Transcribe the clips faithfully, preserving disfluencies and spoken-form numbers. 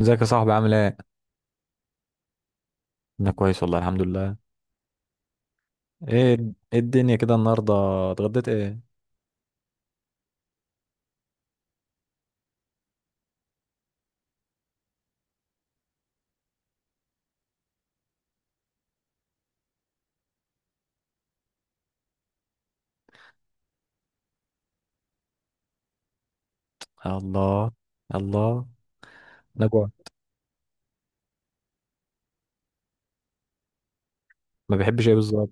ازيك يا صاحبي عامل ايه؟ انا كويس والله الحمد لله. ايه. ايه الدنيا كده النهارده؟ اتغديت ايه؟ الله. الله. انا جوع. ما بحبش ايه بالظبط؟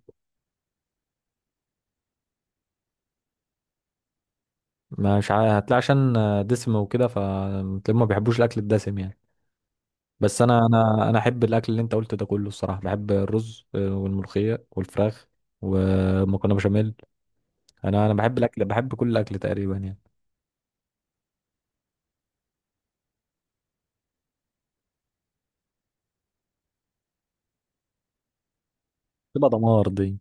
مش عا- هتلاقي عشان دسم وكده، فما بيحبوش الاكل الدسم يعني. بس انا انا انا احب الاكل اللي انت قلت ده كله، الصراحه بحب الرز، آه، والملوخيه والفراخ ومكرونه بشاميل. انا انا بحب الاكل، بحب كل الاكل تقريبا يعني. تبقى دمار دي.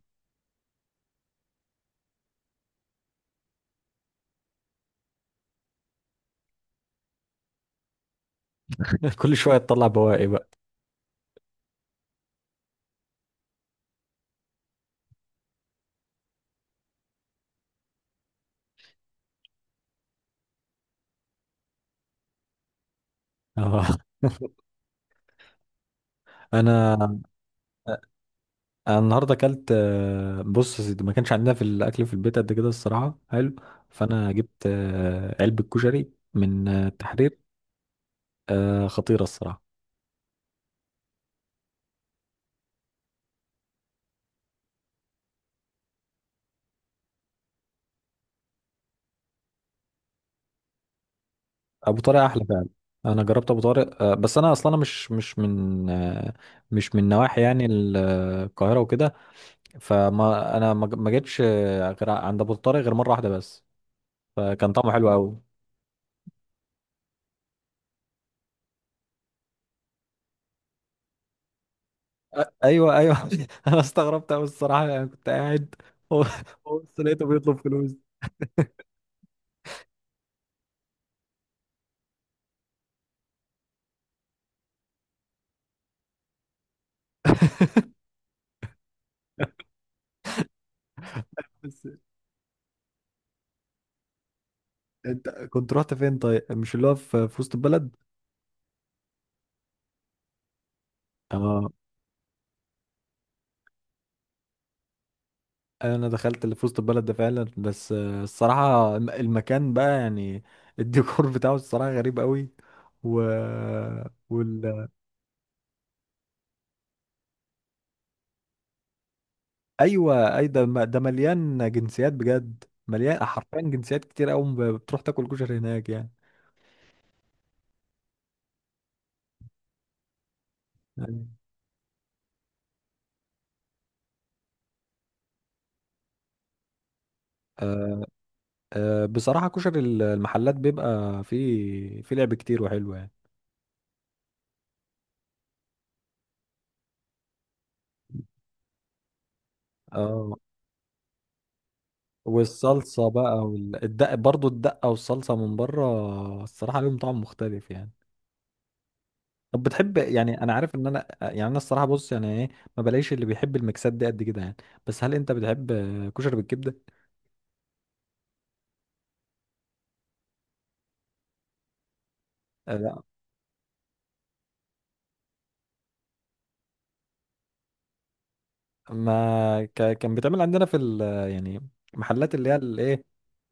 كل شويه تطلع بواقي بقى. اه. انا انا النهارده اكلت، آه، بص يا سيدي، ما كانش عندنا في الاكل في البيت قد كده الصراحه حلو. فانا جبت آه، علبه كشري من آه، التحرير. آه، خطيره الصراحه. ابو طارق احلى فعلا. انا جربت ابو طارق، آه، بس انا اصلا أنا مش مش من آه، مش من نواحي يعني ال- آه، القاهره وكده. فما انا ما ما جيتش آه، غير عند ابو طارق غير مره واحده بس. فكان طعمه حلو قوي. ايوه، ايوه، انا استغربت قوي الصراحه، يعني كنت قاعد وبص لقيته بيطلب فلوس. بس انت كنت رحت فين طيب؟ مش اللي هو في في وسط البلد؟ اه، انا دخلت اللي في وسط البلد ده فعلا، بس آه، الصراحه الم- المكان بقى يعني الديكور بتاعه الصراحه غريب قوي. و وال ايوه، اي ده م- ده مليان جنسيات بجد، مليان حرفيا جنسيات كتير قوي بتروح تاكل كشري هناك يعني. أيوة. أه، أه، بصراحه كشري المحلات بيبقى فيه فيه لعب كتير وحلو يعني. اه. والصلصة بقى والدقة، برضو الدقة والصلصة من بره الصراحة لهم طعم مختلف يعني. طب بتحب، يعني انا عارف ان انا يعني انا، الصراحة بص يعني ايه، ما بلاقيش اللي بيحب الميكسات دي قد كده يعني. بس هل انت بتحب كشري بالكبدة؟ آه، لا، ما ك... كان بيتعمل عندنا في ال... يعني محلات اللي هي الايه،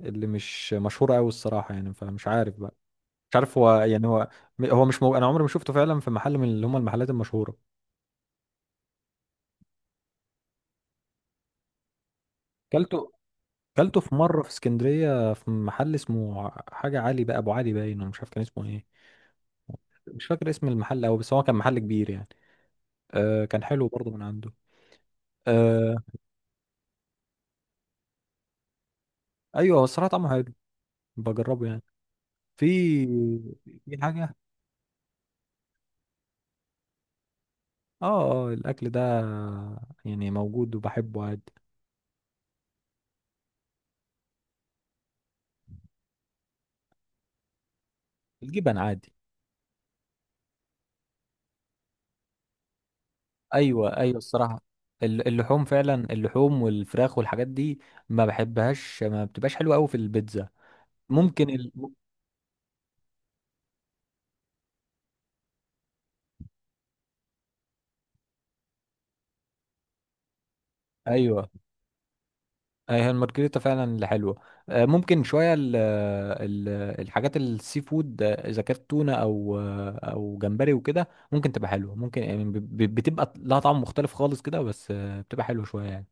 اللي مش مشهورة قوي الصراحة يعني، فمش عارف بقى. مش عارف هو يعني هو. هو مش مو... انا عمري ما شفته فعلا في محل من اللي هم المحلات المشهورة. كلته كلته في مرة في اسكندرية في محل اسمه حاجة علي بقى، أبو علي باين، ولا مش عارف كان اسمه إيه. مش فاكر اسم المحل أوي، بس هو كان محل كبير يعني. آه كان حلو برضه من عنده. آه. أيوه، هو الصراحة طعمه حلو. بجربه يعني. في في حاجة. آه، آه، الأكل ده يعني موجود وبحبه عادي. الجبن عادي. ايوه، ايوه، الصراحه. ال- اللحوم فعلا، اللحوم والفراخ والحاجات دي ما بحبهاش، ما بتبقاش حلوه قوي في البيتزا. ممكن ال... ايوه، أي هي المارجريتا فعلا اللي حلوه. آه، ممكن شويه ال ال الحاجات السي فود، آه، اذا كانت تونه، او آه، او جمبري وكده، ممكن تبقى حلوه، ممكن يعني ب- ب- بتبقى لها طعم مختلف خالص كده، بس آه، بتبقى حلوه شويه يعني.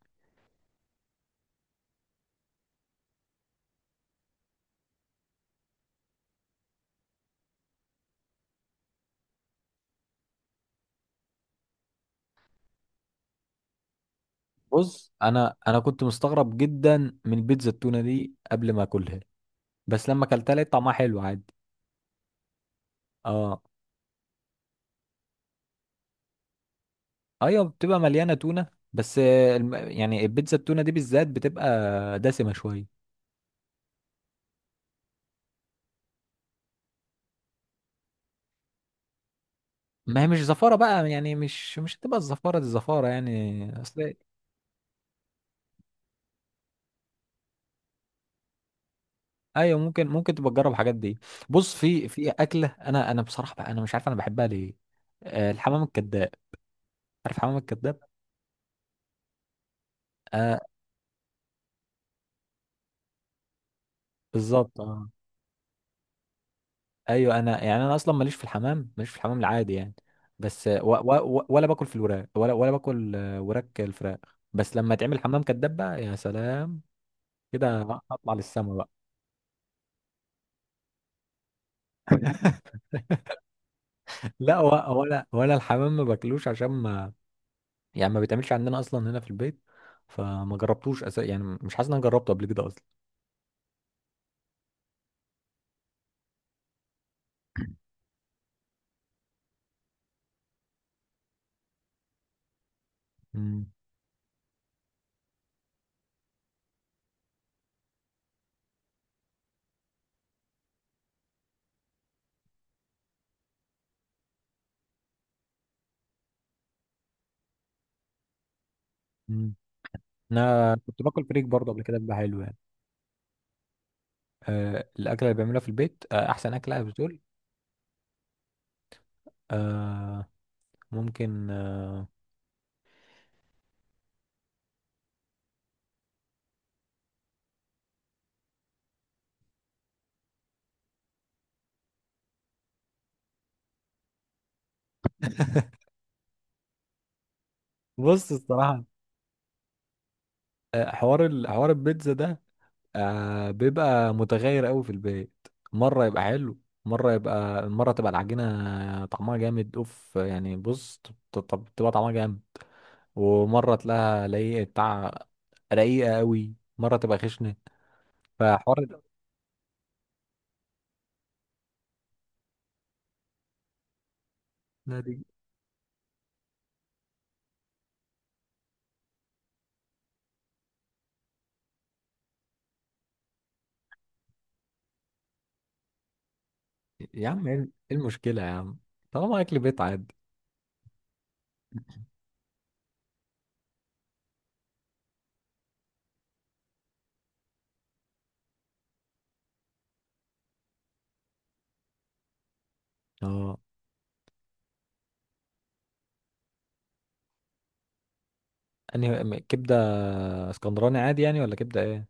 بص انا انا كنت مستغرب جدا من بيتزا التونه دي قبل ما اكلها، بس لما اكلتها لقيت طعمها حلو عادي. اه. ايوه، بتبقى مليانه تونه. بس آه، الم- يعني البيتزا التونه دي بالذات بتبقى دسمه شويه. ما هي مش زفاره بقى يعني، مش مش هتبقى الزفاره دي زفاره يعني اصل. ايوه، ممكن ممكن تبقى تجرب الحاجات دي. بص في في اكله، انا انا بصراحه بقى انا مش عارف انا بحبها ليه. آه، الحمام الكذاب. عارف الحمام الكذاب؟ آه. بالظبط اه. ايوه، انا يعني انا اصلا ماليش في الحمام، ماليش في الحمام العادي يعني. بس آه، و و و ولا باكل في الوراك، ولا ولا باكل آه، وراك الفراخ. بس لما تعمل حمام كذاب بقى يا سلام، كده اطلع للسما بقى. لا، و- ولا ولا الحمام ما باكلوش عشان ما، يعني ما بيتعملش عندنا اصلا هنا في البيت. فما جربتوش أس... يعني مش حاسس ان انا جربته قبل كده اصلا. مم. مم. انا كنت باكل فريك برضه قبل كده، بيبقى حلو يعني. أه، الاكله اللي بعملها في البيت، أه احسن اكله بتقول؟ أه، ممكن أه. بص الصراحه، أه حوار ال... حوار البيتزا ده، أه بيبقى متغير قوي في البيت. مره يبقى حلو، مره يبقى مره تبقى العجينه طعمها جامد اوف يعني. بص ت- ت- تبقى طعمها جامد، ومره تلاقيها لايقه بتاع رقيقه قوي، مره تبقى خشنه. فحوار الأكلة دي يا عم ايه. إيه المشكله يا عم؟ طالما اكل بيت عادي. اه. انهي م- كبده؟ اسكندراني عادي يعني ولا كبده ايه؟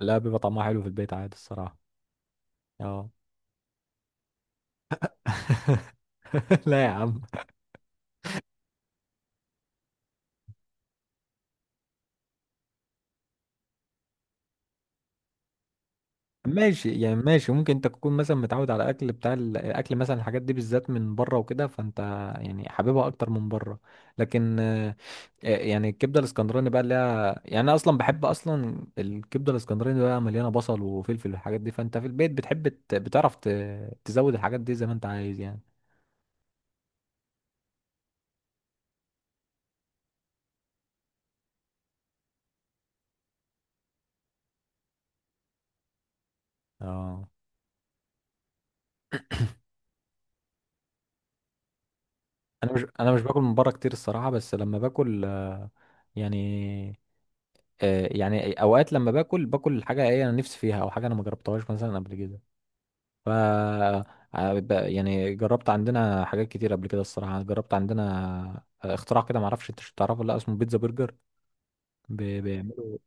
لا، بيبقى طعمها حلو في البيت عادي الصراحه. اه. لا يا عم. ماشي يعني، ماشي ممكن انت تكون مثلا متعود على اكل بتاع ال- الاكل مثلا، الحاجات دي بالذات من بره وكده، فانت يعني حاببها اكتر من بره. لكن آه، آه، يعني الكبده الاسكندراني بقى اللي هي، يعني انا اصلا بحب اصلا الكبده الاسكندراني بقى مليانه بصل وفلفل والحاجات دي، فانت في البيت بتحب ت- بتعرف ت- تزود الحاجات دي زي ما انت عايز يعني. اه. انا مش انا مش باكل من بره كتير الصراحه، بس لما باكل آه، يعني آه، يعني اوقات لما باكل باكل حاجه ايه انا نفسي فيها، او حاجه انا ما جربتهاش مثلا قبل كده. ف ع- ب- يعني جربت عندنا حاجات كتير قبل كده الصراحة، جربت عندنا آه، اختراع كده معرفش انت مش تعرفه ولا لأ، اسمه بيتزا برجر. بي- بيعملوا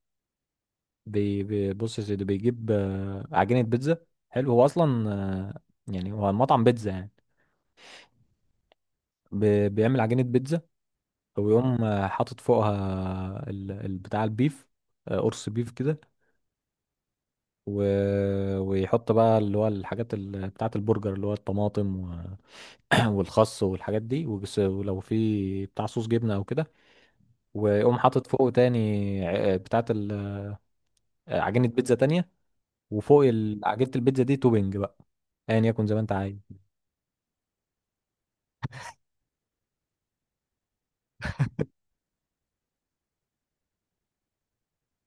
بي- بي- بص يا سيدي، بيجيب آه، عجينة بيتزا، حلو هو أصلا، آه، يعني هو المطعم بيتزا يعني. بي- بيعمل عجينة بيتزا، ويقوم آه، حاطط فوقها ال- ال- بتاع البيف، آه، قرص بيف كده. و- ويحط بقى اللي هو الحاجات ال- بتاعة البرجر، اللي هو الطماطم والخس والحاجات دي، وبس- ولو في بتاع صوص جبنه او كده. واقوم حاطط فوقه تاني ع- بتاعه ال- عجينه بيتزا تانية، وفوق ال- عجينه البيتزا دي توبنج بقى، ايا يكن زي ما انت عايز.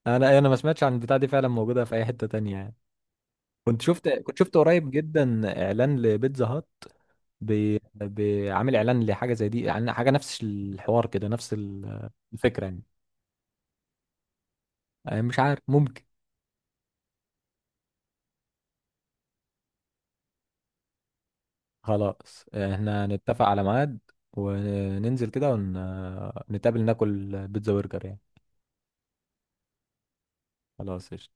انا أيوة، انا ما سمعتش عن البتاع دي فعلا موجوده في اي حته تانية يعني. كنت شفت كنت شفت قريب جدا اعلان لبيتزا هات، بي- بيعمل اعلان لحاجه زي دي يعني، حاجه نفس الحوار كده، نفس ال- الفكره يعني. أنا مش عارف. خلاص، احنا نتفق على ميعاد وننزل كده ونتقابل ناكل بيتزا برجر يعني. خلاص.